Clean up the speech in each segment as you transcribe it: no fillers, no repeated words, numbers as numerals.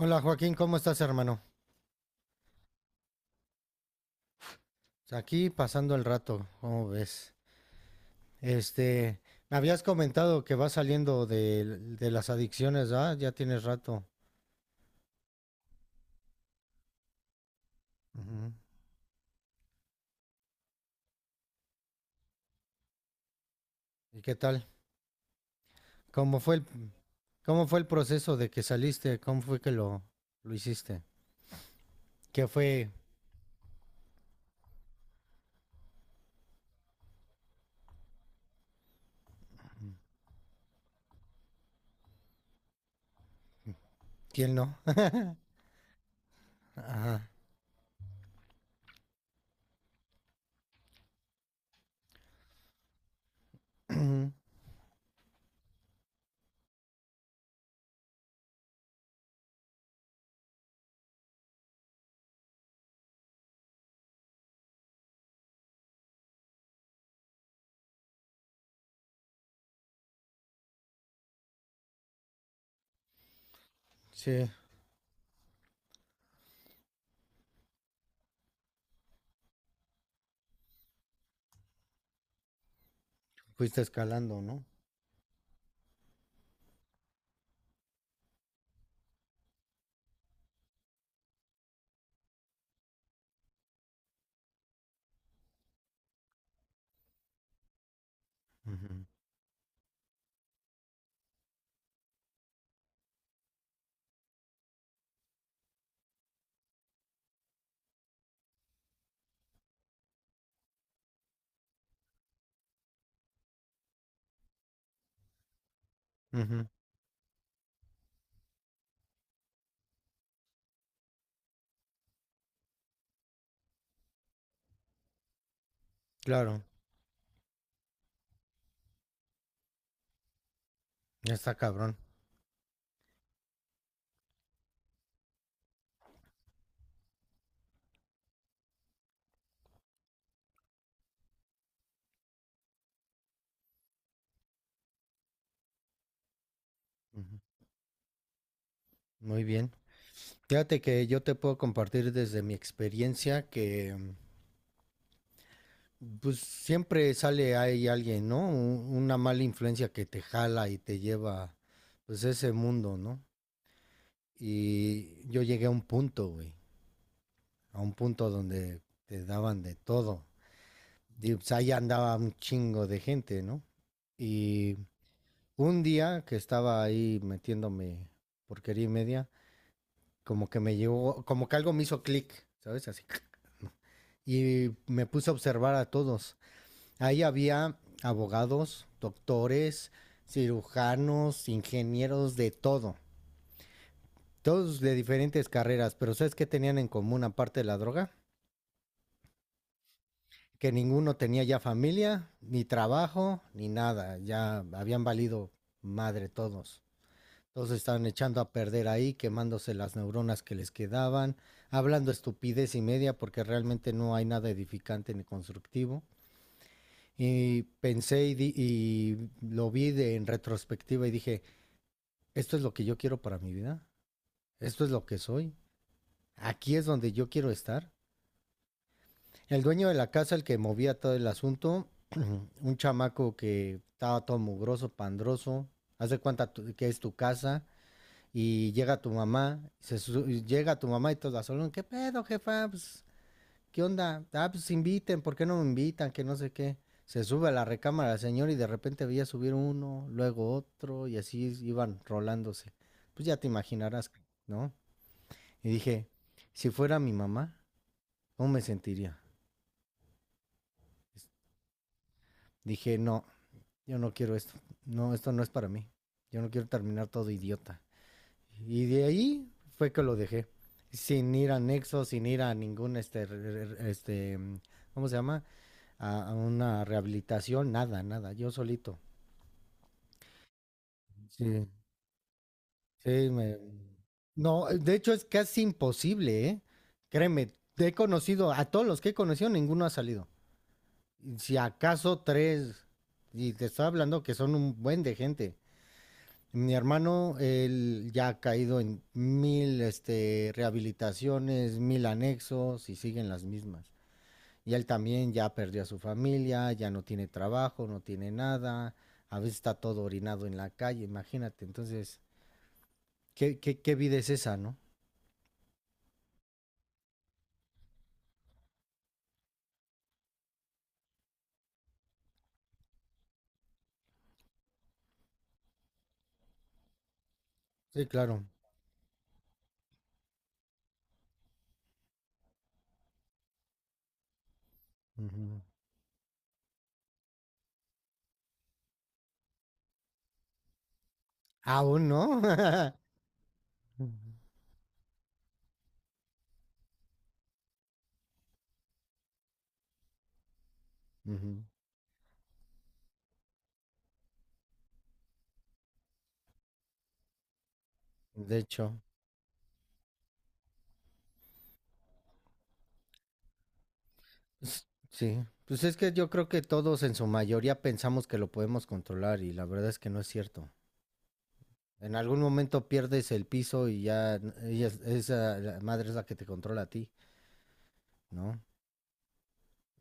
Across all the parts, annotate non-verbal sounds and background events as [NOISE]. Hola Joaquín, ¿cómo estás, hermano? Aquí pasando el rato, ¿cómo ves? Este, Me habías comentado que vas saliendo de las adicciones, ¿ah? Ya tienes rato. Ujú. ¿Y qué tal? ¿Cómo fue el, ¿Cómo fue el proceso de que saliste? ¿Cómo fue que lo, ¿Lo hiciste? ¿Qué fue? ¿Quién no? [LAUGHS] Ajá. [CLEARS THROAT] Ujú. Sí, fuiste escalando, ¿no? Ujú. Ujú. Claro, ya está cabrón. Ujú. Muy bien. Fíjate que yo te puedo compartir desde mi experiencia que pues siempre sale ahí alguien, ¿no? Una mala influencia que te jala y te lleva, pues, a ese mundo, ¿no? Y yo llegué a un punto, güey, a un punto donde te daban de todo. Y pues ahí andaba un chingo de gente, ¿no? Y un día que estaba ahí metiéndome porquería y media, como que me llegó, como que algo me hizo clic, ¿sabes? Así. [CLEARS THROAT] Y me puse a observar a todos. Ahí había abogados, doctores, cirujanos, ingenieros, de todo. Todos de diferentes carreras, pero ¿sabes qué tenían en común aparte de la droga? Que ninguno tenía ya familia, ni trabajo, ni nada. Ya habían valido madre todos. Todos estaban echando a perder ahí, quemándose las neuronas que les quedaban, hablando estupidez y media porque realmente no hay nada edificante ni constructivo. Y lo vi de, en retrospectiva y dije, esto es lo que yo quiero para mi vida, esto es lo que soy, aquí es donde yo quiero estar. El dueño de la casa, el que movía todo el asunto, [CLEARS THROAT] un chamaco que estaba todo mugroso, pandroso, que es tu casa y llega tu mamá, llega tu mamá y toda sola, ¿qué pedo, jefa? Pues, ¿qué onda? Ah, pues inviten, ¿por qué no me invitan? Que no sé qué. Se sube a la recámara el señor y de repente veía subir uno, luego otro y así iban rolándose. Pues ya te imaginarás, ¿no? Y dije, si fuera mi mamá, ¿cómo me sentiría? Dije, no, yo no quiero esto. No, esto no es para mí. Yo no quiero terminar todo idiota. Y de ahí fue que lo dejé. Sin ir a Nexo, sin ir a ningún, este, ¿cómo se llama? A una rehabilitación, nada, nada. Yo solito. Sí, sí. No, de hecho es casi imposible, ¿eh? Créeme, te he conocido, a todos los que he conocido, ninguno ha salido. Si acaso tres, y te estoy hablando que son un buen de gente. Mi hermano, él ya ha caído en mil este, rehabilitaciones, mil anexos y siguen las mismas. Y él también ya perdió a su familia, ya no tiene trabajo, no tiene nada, a veces está todo orinado en la calle, imagínate. Entonces, ¿qué vida es esa, no? Sí, claro. Ujú. Aún no. [LAUGHS] Ujú. De hecho. S- Sí, pues es que yo creo que todos en su mayoría pensamos que lo podemos controlar y la verdad es que no es cierto. En algún momento pierdes el piso y ya esa la madre es la que te controla a ti, ¿no?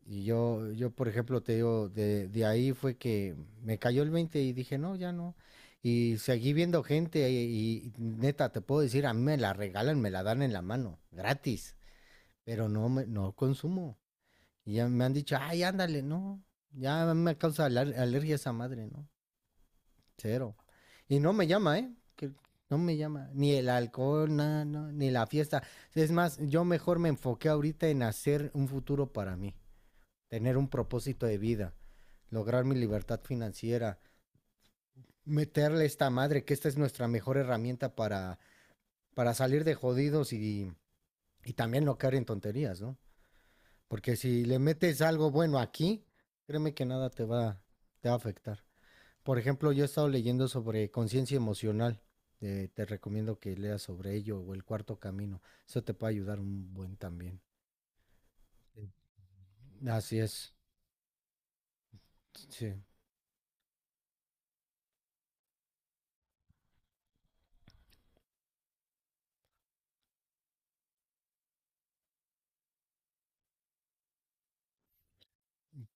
Y yo por ejemplo, te digo, de ahí fue que me cayó el 20 y dije, no, ya no. Y seguí viendo gente y neta, te puedo decir, a mí me la regalan, me la dan en la mano, gratis, pero no consumo. Y ya me han dicho, ay, ándale, no. Ya me causa alergia esa madre, ¿no? Cero. Y no me llama, ¿eh? Que no me llama. Ni el alcohol, nada, no, ni la fiesta. Es más, yo mejor me enfoqué ahorita en hacer un futuro para mí. Tener un propósito de vida. Lograr mi libertad financiera. Meterle esta madre, que esta es nuestra mejor herramienta para salir de jodidos y también no caer en tonterías, ¿no? Porque si le metes algo bueno aquí, créeme que nada te va, te va a afectar. Por ejemplo, yo he estado leyendo sobre conciencia emocional. Eh, te recomiendo que leas sobre ello o el cuarto camino. Eso te puede ayudar un buen también. Sí. Así es. Sí.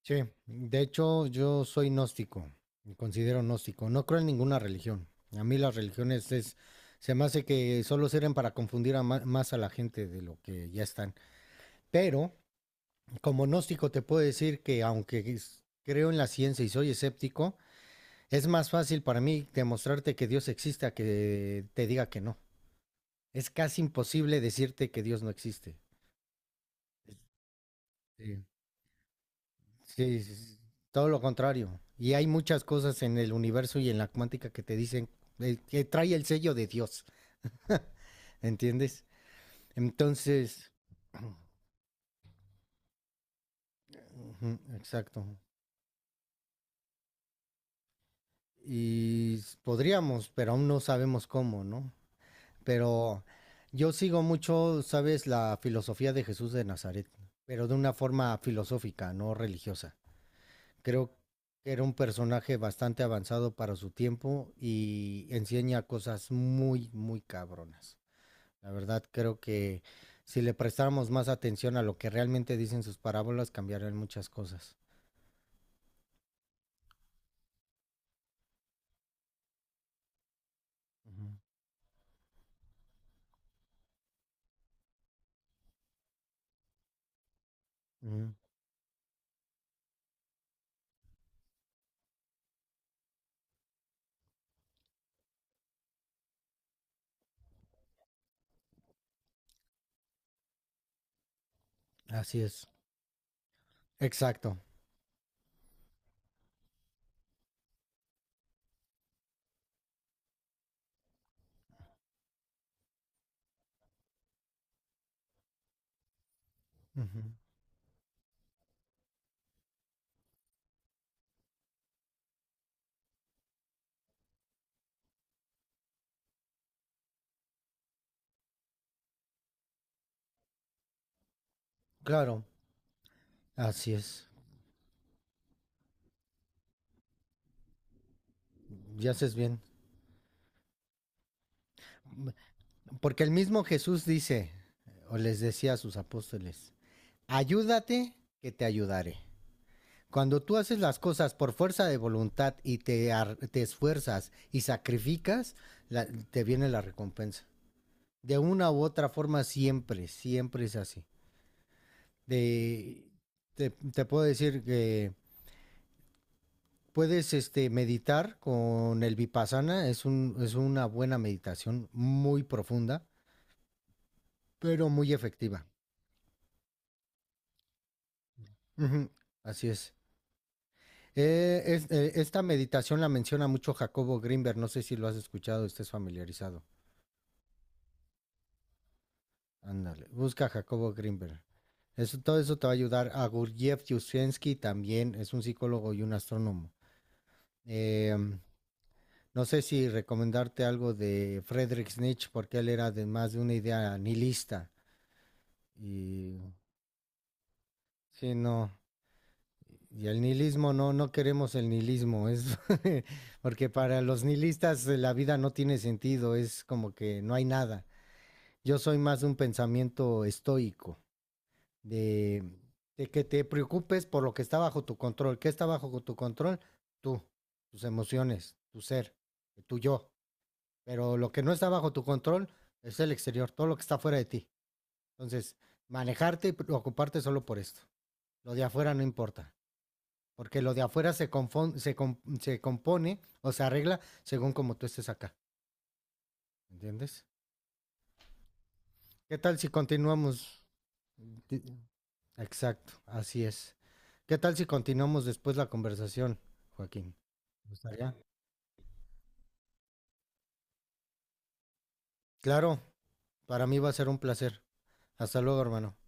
Sí. De hecho, yo soy gnóstico. Me considero gnóstico. No creo en ninguna religión. A mí las religiones es, Se me hace que solo sirven para confundir a más a la gente de lo que ya están. Pero como gnóstico te puedo decir que aunque creo en la ciencia y soy escéptico, es más fácil para mí demostrarte que Dios existe a que te diga que no. Es casi imposible decirte que Dios no existe. Sí, sí, todo lo contrario. Y hay muchas cosas en el universo y en la cuántica que te dicen que trae el sello de Dios. [LAUGHS] ¿Entiendes? Entonces, ujú, exacto. Y podríamos, pero aún no sabemos cómo, ¿no? Pero yo sigo mucho, sabes, la filosofía de Jesús de Nazaret, pero de una forma filosófica, no religiosa. Creo que era un personaje bastante avanzado para su tiempo y enseña cosas muy, muy cabronas. La verdad, creo que si le prestáramos más atención a lo que realmente dicen sus parábolas, cambiarían muchas cosas. Ujú, ujú. Así es. Exacto. Ujú. Claro, así es. Ya haces bien. Porque el mismo Jesús dice, o les decía a sus apóstoles, ayúdate que te ayudaré. Cuando tú haces las cosas por fuerza de voluntad y te esfuerzas y sacrificas, te viene la recompensa. De una u otra forma siempre, siempre es así. De, te puedo decir que puedes este, meditar con el vipassana, es una buena meditación muy profunda, pero muy efectiva. Ujú. Así es. Esta meditación la menciona mucho Jacobo Grinberg, no sé si lo has escuchado, estés familiarizado. Ándale, busca a Jacobo Grinberg. Eso, todo eso te va a ayudar. A Gurdjieff Yuzhensky también es un psicólogo y un astrónomo. Em, no sé si recomendarte algo de Friedrich Nietzsche, porque él era de más de una idea nihilista. Y sí, no, y el nihilismo, no, no queremos el nihilismo, es [LAUGHS] porque para los nihilistas la vida no tiene sentido, es como que no hay nada. Yo soy más de un pensamiento estoico, de, de que te preocupes por lo que está bajo tu control. ¿Qué está bajo tu control? Tú, tus emociones, tu ser, tu yo. Pero lo que no está bajo tu control es el exterior, todo lo que está fuera de ti. Entonces, manejarte y preocuparte solo por esto. Lo de afuera no importa. Porque lo de afuera se, confon- se, com- se compone o se arregla según como tú estés acá. ¿Entiendes? ¿Qué tal si continuamos? Di- Exacto, así es. ¿Qué tal si continuamos después la conversación, Joaquín? ¿Te gustaría? Claro, para mí va a ser un placer. Hasta luego, hermano.